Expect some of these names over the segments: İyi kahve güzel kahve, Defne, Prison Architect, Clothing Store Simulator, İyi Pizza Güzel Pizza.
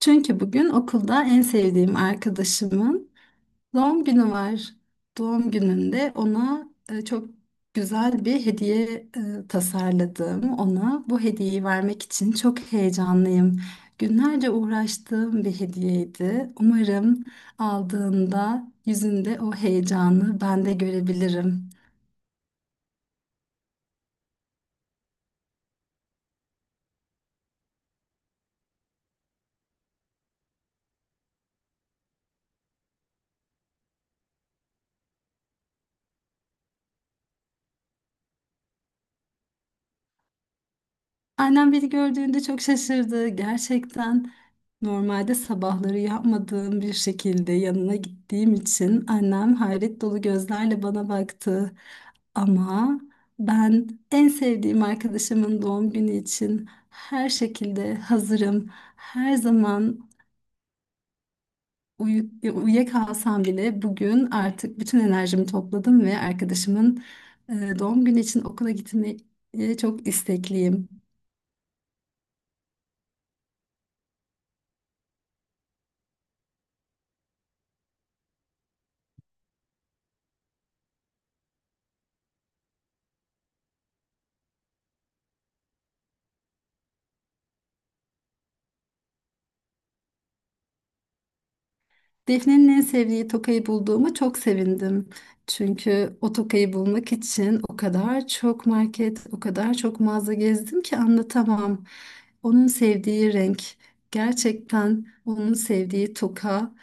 Çünkü bugün okulda en sevdiğim arkadaşımın doğum günü var. Doğum gününde ona çok güzel bir hediye tasarladım. Ona bu hediyeyi vermek için çok heyecanlıyım. Günlerce uğraştığım bir hediyeydi. Umarım aldığında yüzünde o heyecanı ben de görebilirim. Annem beni gördüğünde çok şaşırdı. Gerçekten normalde sabahları yapmadığım bir şekilde yanına gittiğim için annem hayret dolu gözlerle bana baktı. Ama ben en sevdiğim arkadaşımın doğum günü için her şekilde hazırım. Her zaman uyuyakalsam bile bugün artık bütün enerjimi topladım ve arkadaşımın doğum günü için okula gitmeyi çok istekliyim. Defne'nin en sevdiği tokayı bulduğuma çok sevindim. Çünkü o tokayı bulmak için o kadar çok market, o kadar çok mağaza gezdim ki anlatamam. Onun sevdiği renk, gerçekten onun sevdiği toka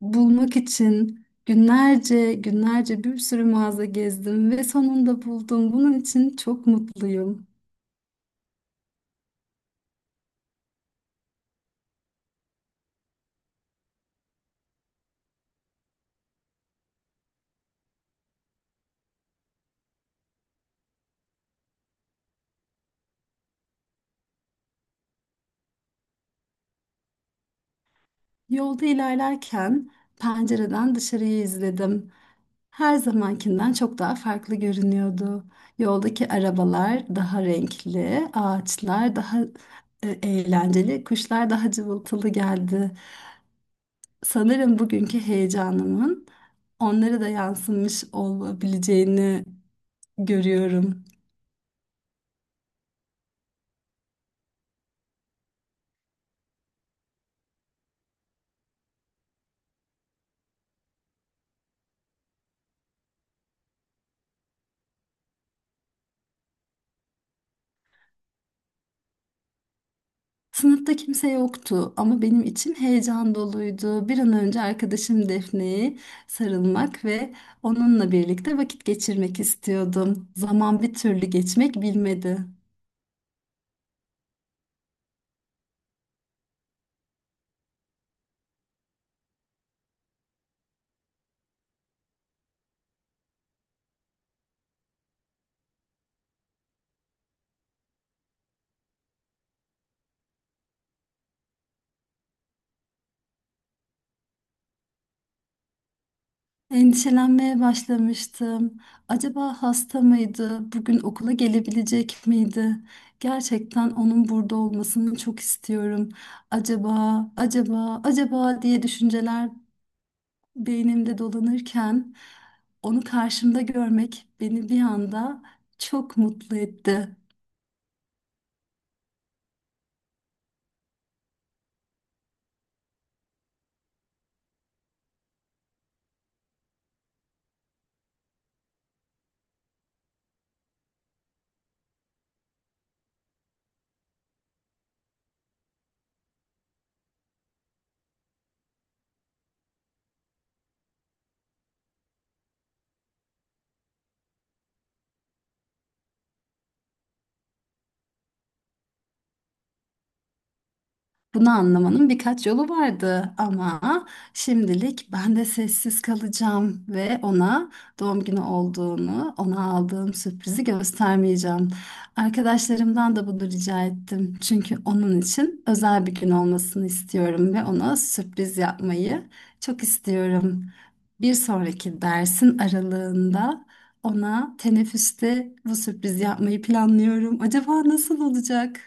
bulmak için günlerce, günlerce bir sürü mağaza gezdim ve sonunda buldum. Bunun için çok mutluyum. Yolda ilerlerken pencereden dışarıyı izledim. Her zamankinden çok daha farklı görünüyordu. Yoldaki arabalar daha renkli, ağaçlar daha eğlenceli, kuşlar daha cıvıltılı geldi. Sanırım bugünkü heyecanımın onlara da yansımış olabileceğini görüyorum. Sınıfta kimse yoktu ama benim için heyecan doluydu. Bir an önce arkadaşım Defne'ye sarılmak ve onunla birlikte vakit geçirmek istiyordum. Zaman bir türlü geçmek bilmedi. Endişelenmeye başlamıştım. Acaba hasta mıydı? Bugün okula gelebilecek miydi? Gerçekten onun burada olmasını çok istiyorum. Acaba, acaba, acaba diye düşünceler beynimde dolanırken onu karşımda görmek beni bir anda çok mutlu etti. Bunu anlamanın birkaç yolu vardı ama şimdilik ben de sessiz kalacağım ve ona doğum günü olduğunu, ona aldığım sürprizi göstermeyeceğim. Arkadaşlarımdan da bunu rica ettim. Çünkü onun için özel bir gün olmasını istiyorum ve ona sürpriz yapmayı çok istiyorum. Bir sonraki dersin aralığında ona teneffüste bu sürprizi yapmayı planlıyorum. Acaba nasıl olacak?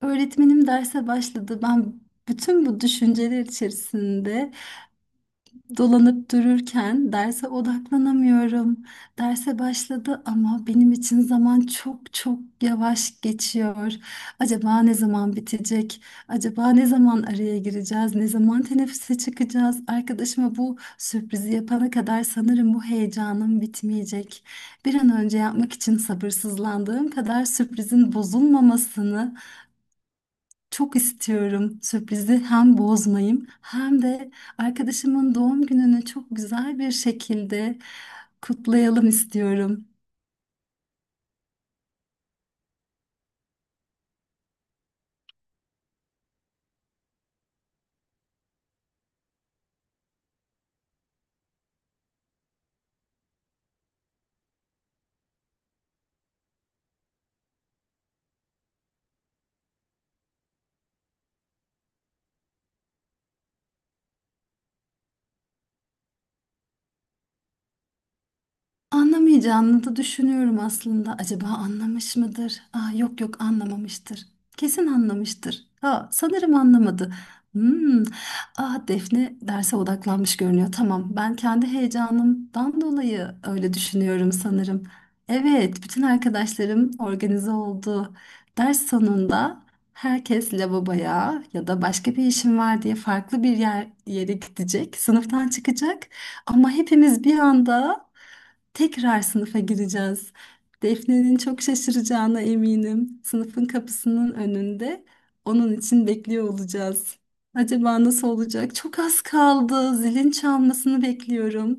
Öğretmenim derse başladı. Ben bütün bu düşünceler içerisinde dolanıp dururken derse odaklanamıyorum. Derse başladı ama benim için zaman çok çok yavaş geçiyor. Acaba ne zaman bitecek? Acaba ne zaman araya gireceğiz? Ne zaman teneffüse çıkacağız? Arkadaşıma bu sürprizi yapana kadar sanırım bu heyecanım bitmeyecek. Bir an önce yapmak için sabırsızlandığım kadar sürprizin bozulmamasını çok istiyorum, sürprizi hem bozmayayım hem de arkadaşımın doğum gününü çok güzel bir şekilde kutlayalım istiyorum. Anlamayacağını da düşünüyorum aslında. Acaba anlamış mıdır? Aa, yok yok anlamamıştır. Kesin anlamıştır. Ha, sanırım anlamadı. Hmm. Ah Defne derse odaklanmış görünüyor. Tamam, ben kendi heyecanımdan dolayı öyle düşünüyorum sanırım. Evet, bütün arkadaşlarım organize oldu. Ders sonunda herkes lavaboya ya da başka bir işim var diye farklı bir yere gidecek, sınıftan çıkacak. Ama hepimiz bir anda tekrar sınıfa gireceğiz. Defne'nin çok şaşıracağına eminim. Sınıfın kapısının önünde onun için bekliyor olacağız. Acaba nasıl olacak? Çok az kaldı. Zilin çalmasını bekliyorum.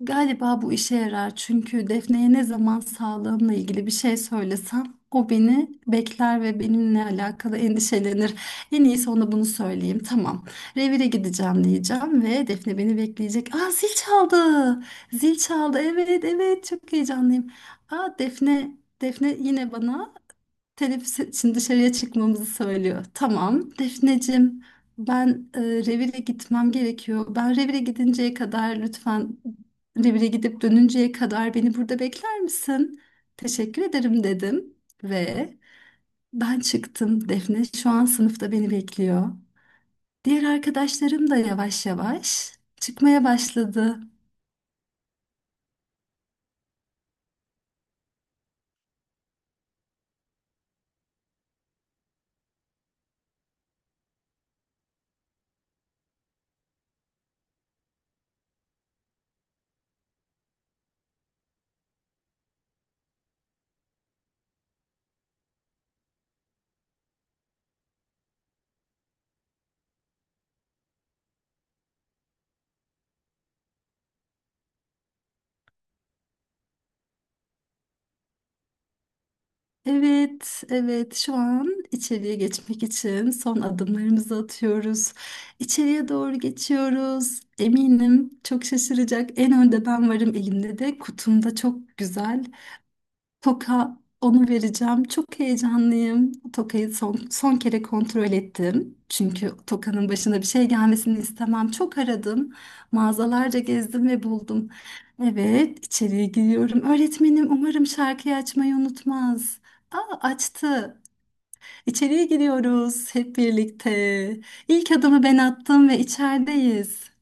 Galiba bu işe yarar çünkü Defne'ye ne zaman sağlığımla ilgili bir şey söylesem o beni bekler ve benimle alakalı endişelenir. En iyisi ona bunu söyleyeyim. Tamam. Revire gideceğim diyeceğim ve Defne beni bekleyecek. Aa zil çaldı. Zil çaldı. Evet, evet, çok heyecanlıyım. Aa Defne, Defne yine bana teneffüs için dışarıya çıkmamızı söylüyor. Tamam Defneciğim ben revire gitmem gerekiyor. Ben revire gidinceye kadar lütfen Revire gidip dönünceye kadar beni burada bekler misin? Teşekkür ederim dedim ve ben çıktım. Defne şu an sınıfta beni bekliyor. Diğer arkadaşlarım da yavaş yavaş çıkmaya başladı. Evet, evet. Şu an içeriye geçmek için son adımlarımızı atıyoruz. İçeriye doğru geçiyoruz. Eminim çok şaşıracak. En önde ben varım. Elimde de kutumda çok güzel toka, onu vereceğim. Çok heyecanlıyım. Tokayı son kere kontrol ettim. Çünkü Toka'nın başına bir şey gelmesini istemem. Çok aradım. Mağazalarca gezdim ve buldum. Evet, içeriye giriyorum. Öğretmenim umarım şarkıyı açmayı unutmaz. Aa, açtı. İçeriye giriyoruz hep birlikte. İlk adımı ben attım ve içerideyiz.